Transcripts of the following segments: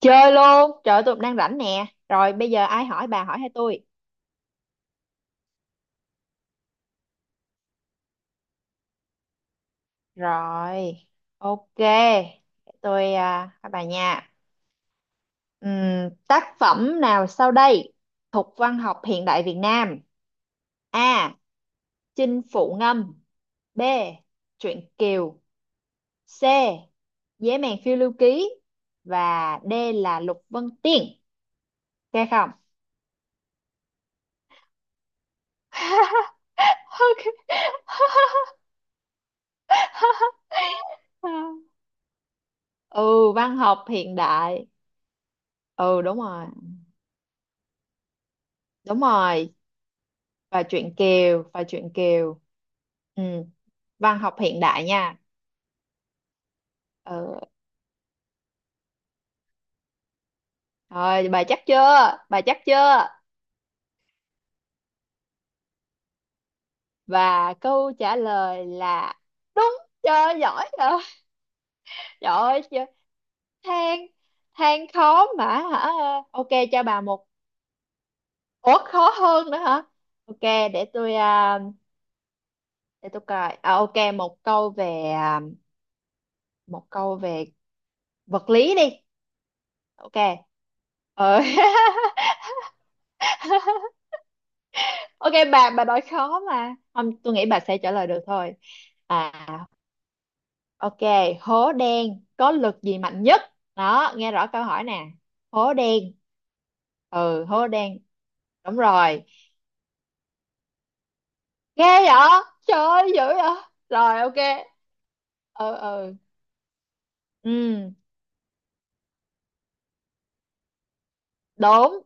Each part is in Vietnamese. Chơi luôn, trời ơi, tụi mình đang rảnh nè. Rồi bây giờ ai hỏi bà hỏi hay tôi? Rồi, ok. Tôi hỏi bà nha. Tác phẩm nào sau đây thuộc văn học hiện đại Việt Nam? A. Chinh Phụ Ngâm. B. Truyện Kiều. C. Dế mèn phiêu lưu ký. Và D là Lục Vân Tiên. Ok không? Ok. Ừ, văn học hiện đại. Ừ, đúng rồi. Đúng rồi. Và truyện Kiều. Ừ, văn học hiện đại nha. Ừ, rồi bà chắc chưa? Và câu trả lời là đúng, cho giỏi rồi. Trời ơi, chưa. Than than khó mà hả? Ok, cho bà một. Ủa, khó hơn nữa hả? Ok, để tôi à, để tôi coi ok. Một câu về một câu về vật lý đi. Ok. ờ. Ok, bà nói khó mà không, tôi nghĩ bà sẽ trả lời được thôi. à ok. Hố đen có lực gì mạnh nhất? Đó, nghe rõ câu hỏi nè. Hố đen. Ừ, hố đen. Đúng rồi. Ghê vậy, trời ơi, dữ vậy. Rồi, ok. Ừ, ừ, ừ, đúng.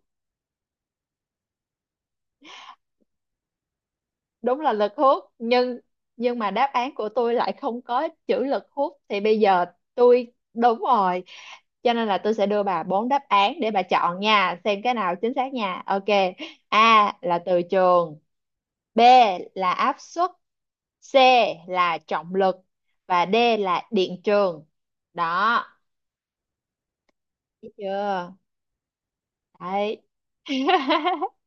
Đúng là lực hút, nhưng mà đáp án của tôi lại không có chữ lực hút thì bây giờ tôi đúng rồi. Cho nên là tôi sẽ đưa bà bốn đáp án để bà chọn nha, xem cái nào chính xác nha. Ok. A là từ trường, B là áp suất, C là trọng lực và D là điện trường. Đó, thấy chưa? Đấy.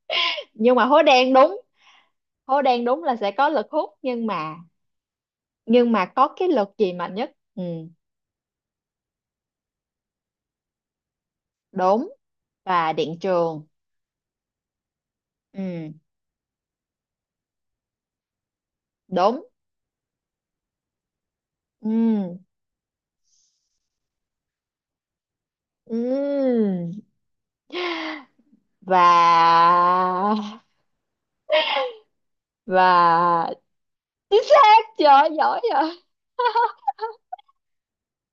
Nhưng mà hố đen đúng, hố đen đúng là sẽ có lực hút, nhưng mà có cái lực gì mạnh nhất? Ừ, đúng. Và điện trường. Ừ, đúng. Ừ, ừ. Và và chính xác, chưa giỏi rồi.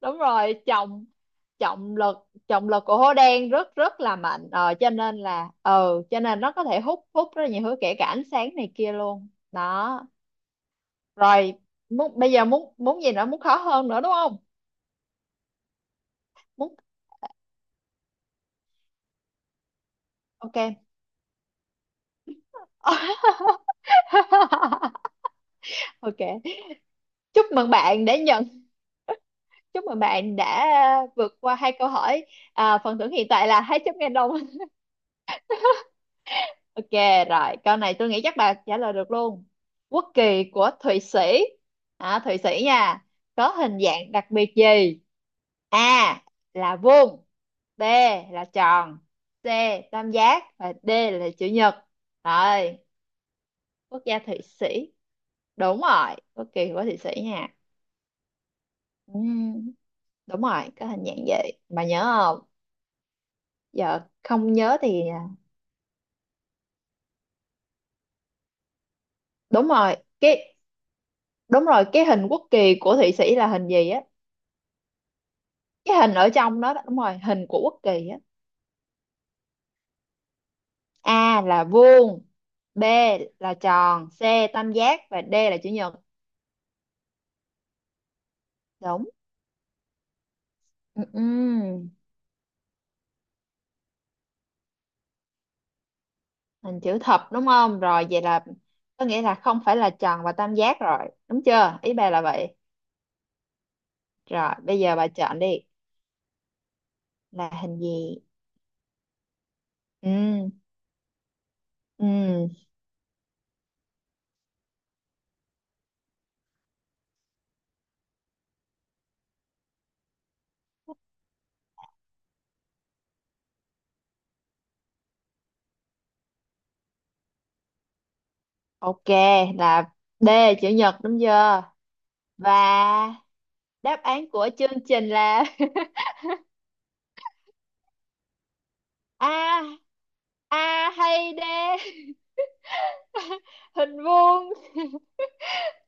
Đúng rồi, trọng. Trọng lực, trọng lực của hố đen rất rất là mạnh, cho nên là, ừ, cho nên nó có thể hút hút rất là nhiều thứ, kể cả ánh sáng này kia luôn đó. Rồi, muốn bây giờ, muốn muốn gì nữa, muốn khó hơn nữa đúng không? Muốn. Ok. Ok, chúc mừng bạn đã nhận. Chúc mừng bạn đã vượt qua hai câu hỏi. Phần thưởng hiện tại là 200.000 đồng. Ok, rồi. Câu này tôi nghĩ chắc bà trả lời được luôn. Quốc kỳ của Thụy Sĩ. Thụy Sĩ nha. Có hình dạng đặc biệt gì? A là vuông, B là tròn, C tam giác và D là chữ nhật. Rồi, quốc gia Thụy Sĩ. Đúng rồi, quốc kỳ của Thụy Sĩ nha. Ừm, đúng rồi, có hình dạng gì? Bà nhớ không? Giờ không nhớ thì đúng rồi cái, đúng rồi cái hình quốc kỳ của Thụy Sĩ là hình gì á? Cái hình ở trong đó, đó đúng rồi, hình của quốc kỳ á. A là vuông, B là tròn, C tam giác và D là chữ nhật. Đúng. Ừ, ừ. Hình chữ thập đúng không? Rồi vậy là có nghĩa là không phải là tròn và tam giác rồi, đúng chưa? Ý bà là vậy. Rồi bây giờ bà chọn đi, là hình gì? Ừ, ừ, ok là D chữ nhật, đúng chưa? Và đáp án của chương trình là a, a hay d. Hình vuông.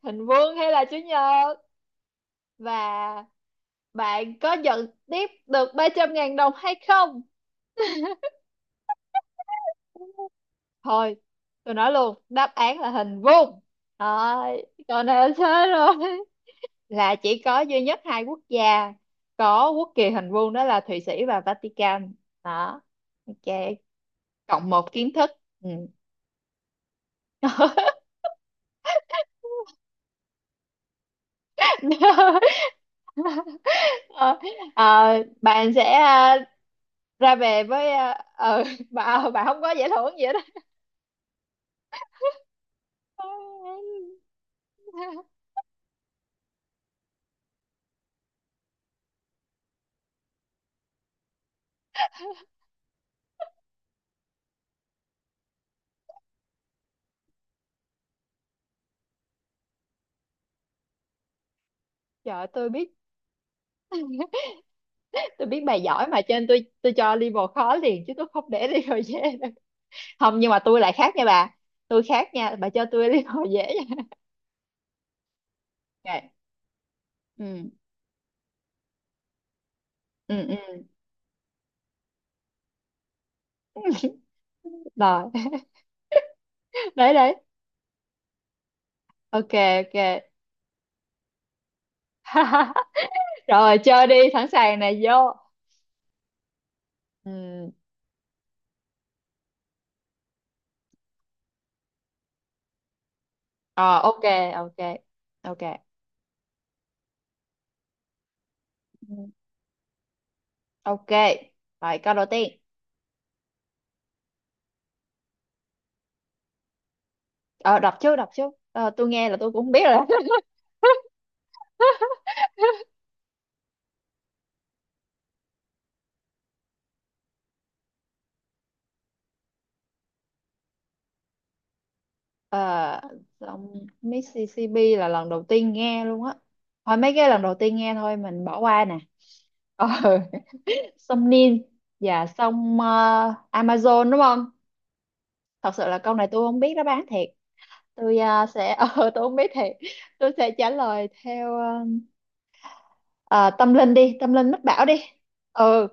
Hình vuông hay là chữ nhật? Và bạn có nhận tiếp được 300.000 đồng hay không? Thôi tôi nói luôn đáp án là hình vuông. Rồi, còn nào thế, rồi. Là chỉ có duy nhất hai quốc gia có quốc kỳ hình vuông, đó là Thụy Sĩ và Vatican. Đó, ok, cộng một kiến thức. Ừ. Ờ, bạn sẽ ra về với bà không có giải thưởng gì hết á. Trời ơi, tôi biết, tôi biết bà giỏi, mà cho nên tôi cho level khó liền, chứ tôi không để level dễ. Không, nhưng mà tôi lại khác nha bà, tôi khác nha bà, cho tôi level dễ nha. Ok. Ừ, ừ, ừ, rồi. Đấy, đấy. Ok, ok. Rồi, chơi đi, sẵn sàng nè, vô. Ừ. Ờ, ok, ok, ok. Ừ. Ok, rồi câu đầu tiên. Ờ, đọc trước, đọc trước. Ờ, tôi nghe là tôi cũng không biết rồi đó. Ờ, dòng Mississippi là lần đầu tiên nghe luôn á. Thôi mấy cái lần đầu tiên nghe thôi, mình bỏ qua nè. Ờ, sông Nin và sông Amazon đúng không? Thật sự là câu này tôi không biết đó, bán thiệt. Tôi sẽ, tôi không biết thiệt. Tôi sẽ trả lời theo ờ, tâm linh đi, tâm linh mách bảo đi. Ừ,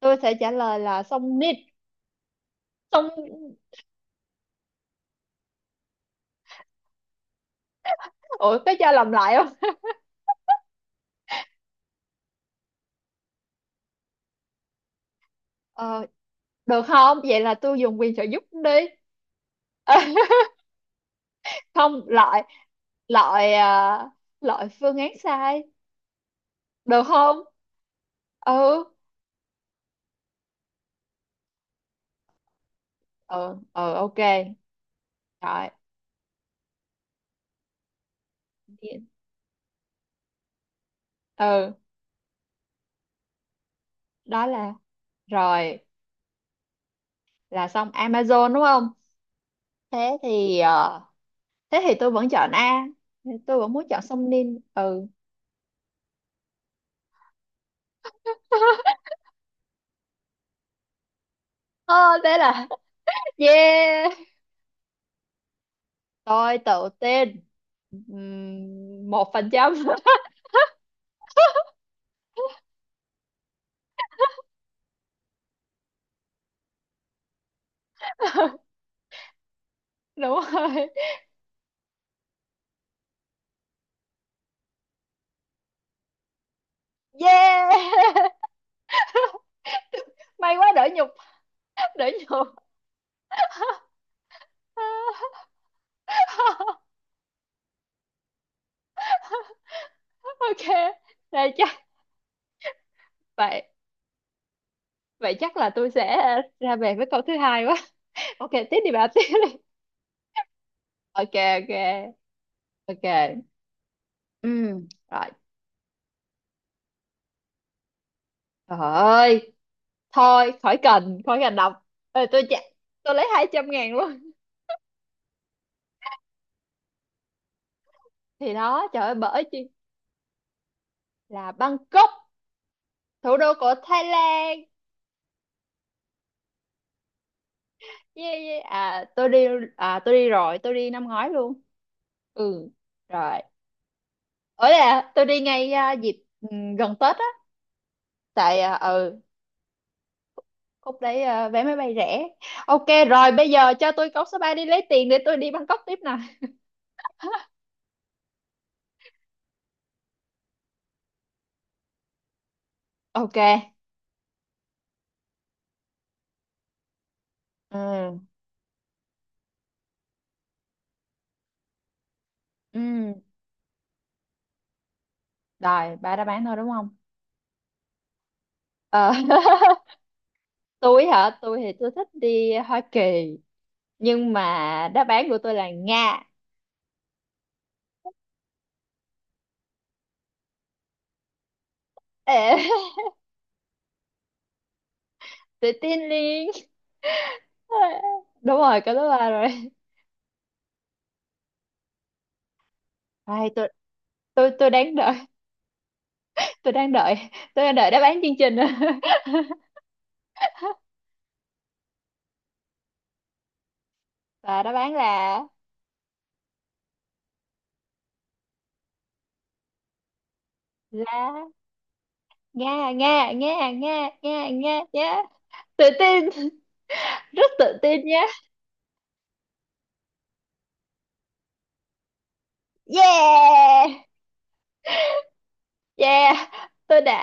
tôi sẽ trả lời là sông Nin. Sông, ủa có cho làm lại không? Ờ, được không? Vậy là tôi dùng quyền trợ giúp đi. Không, loại loại à, loại phương án sai. Được không? Ừ, ừ, ừ, ok. Rồi. Ừ, đó là rồi là xong Amazon đúng không? Thế thì ờ, thế thì tôi vẫn chọn A. Tôi vẫn muốn chọn sông Nin. Ừ. Ờ, thế là yeah. Tôi tự tin. 1%. Đúng rồi. Yeah! May quá, đỡ nhục, đỡ nhục. OK, đây chắc vậy, vậy chắc là tôi sẽ ra về với câu thứ hai quá. OK, tiếp đi bà, tiếp đi. OK, OK, OK. Rồi. Trời ơi, thôi khỏi cần đọc. Ê, tôi chạy, tôi lấy 200.000 luôn. Thì đó, trời ơi bởi chi, là Bangkok, thủ đô của Thái Lan. Yeah, yeah. Tôi đi rồi, tôi đi năm ngoái luôn. Ừ. Rồi. Ở là tôi đi ngay dịp gần Tết á, tại khúc đấy vé máy bay rẻ. Ok, rồi bây giờ cho tôi cốc số 3 đi, lấy tiền để tôi đi Bangkok tiếp nè. Ok. Ừ, ừ. Rồi ba đã bán thôi đúng không? Ờ, tôi hả, tôi thì tôi thích đi Hoa Kỳ, nhưng mà đáp án của tôi là Nga. Ê, tự tin liền. Đúng rồi, cái đó ba rồi. Ai, tôi, tôi đang đợi, tôi đang đợi tôi đang đợi đáp án chương trình. Và đáp án là lá, nga, nga, nga, nga, nga. Nga nhá. Tự tin, rất tự tin nhá. Yeah. Yeah, tôi đã,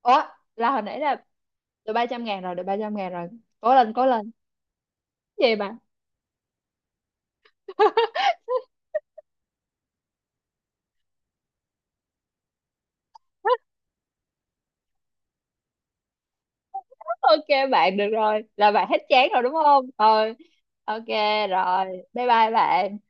ờ, ủa, là hồi nãy là được 300.000 rồi, được 300.000 rồi. Cố lên, cố lên. Cái gì mà ok, bạn được rồi, là bạn hết chán rồi đúng không? Rồi, ok, rồi. Bye bye bạn.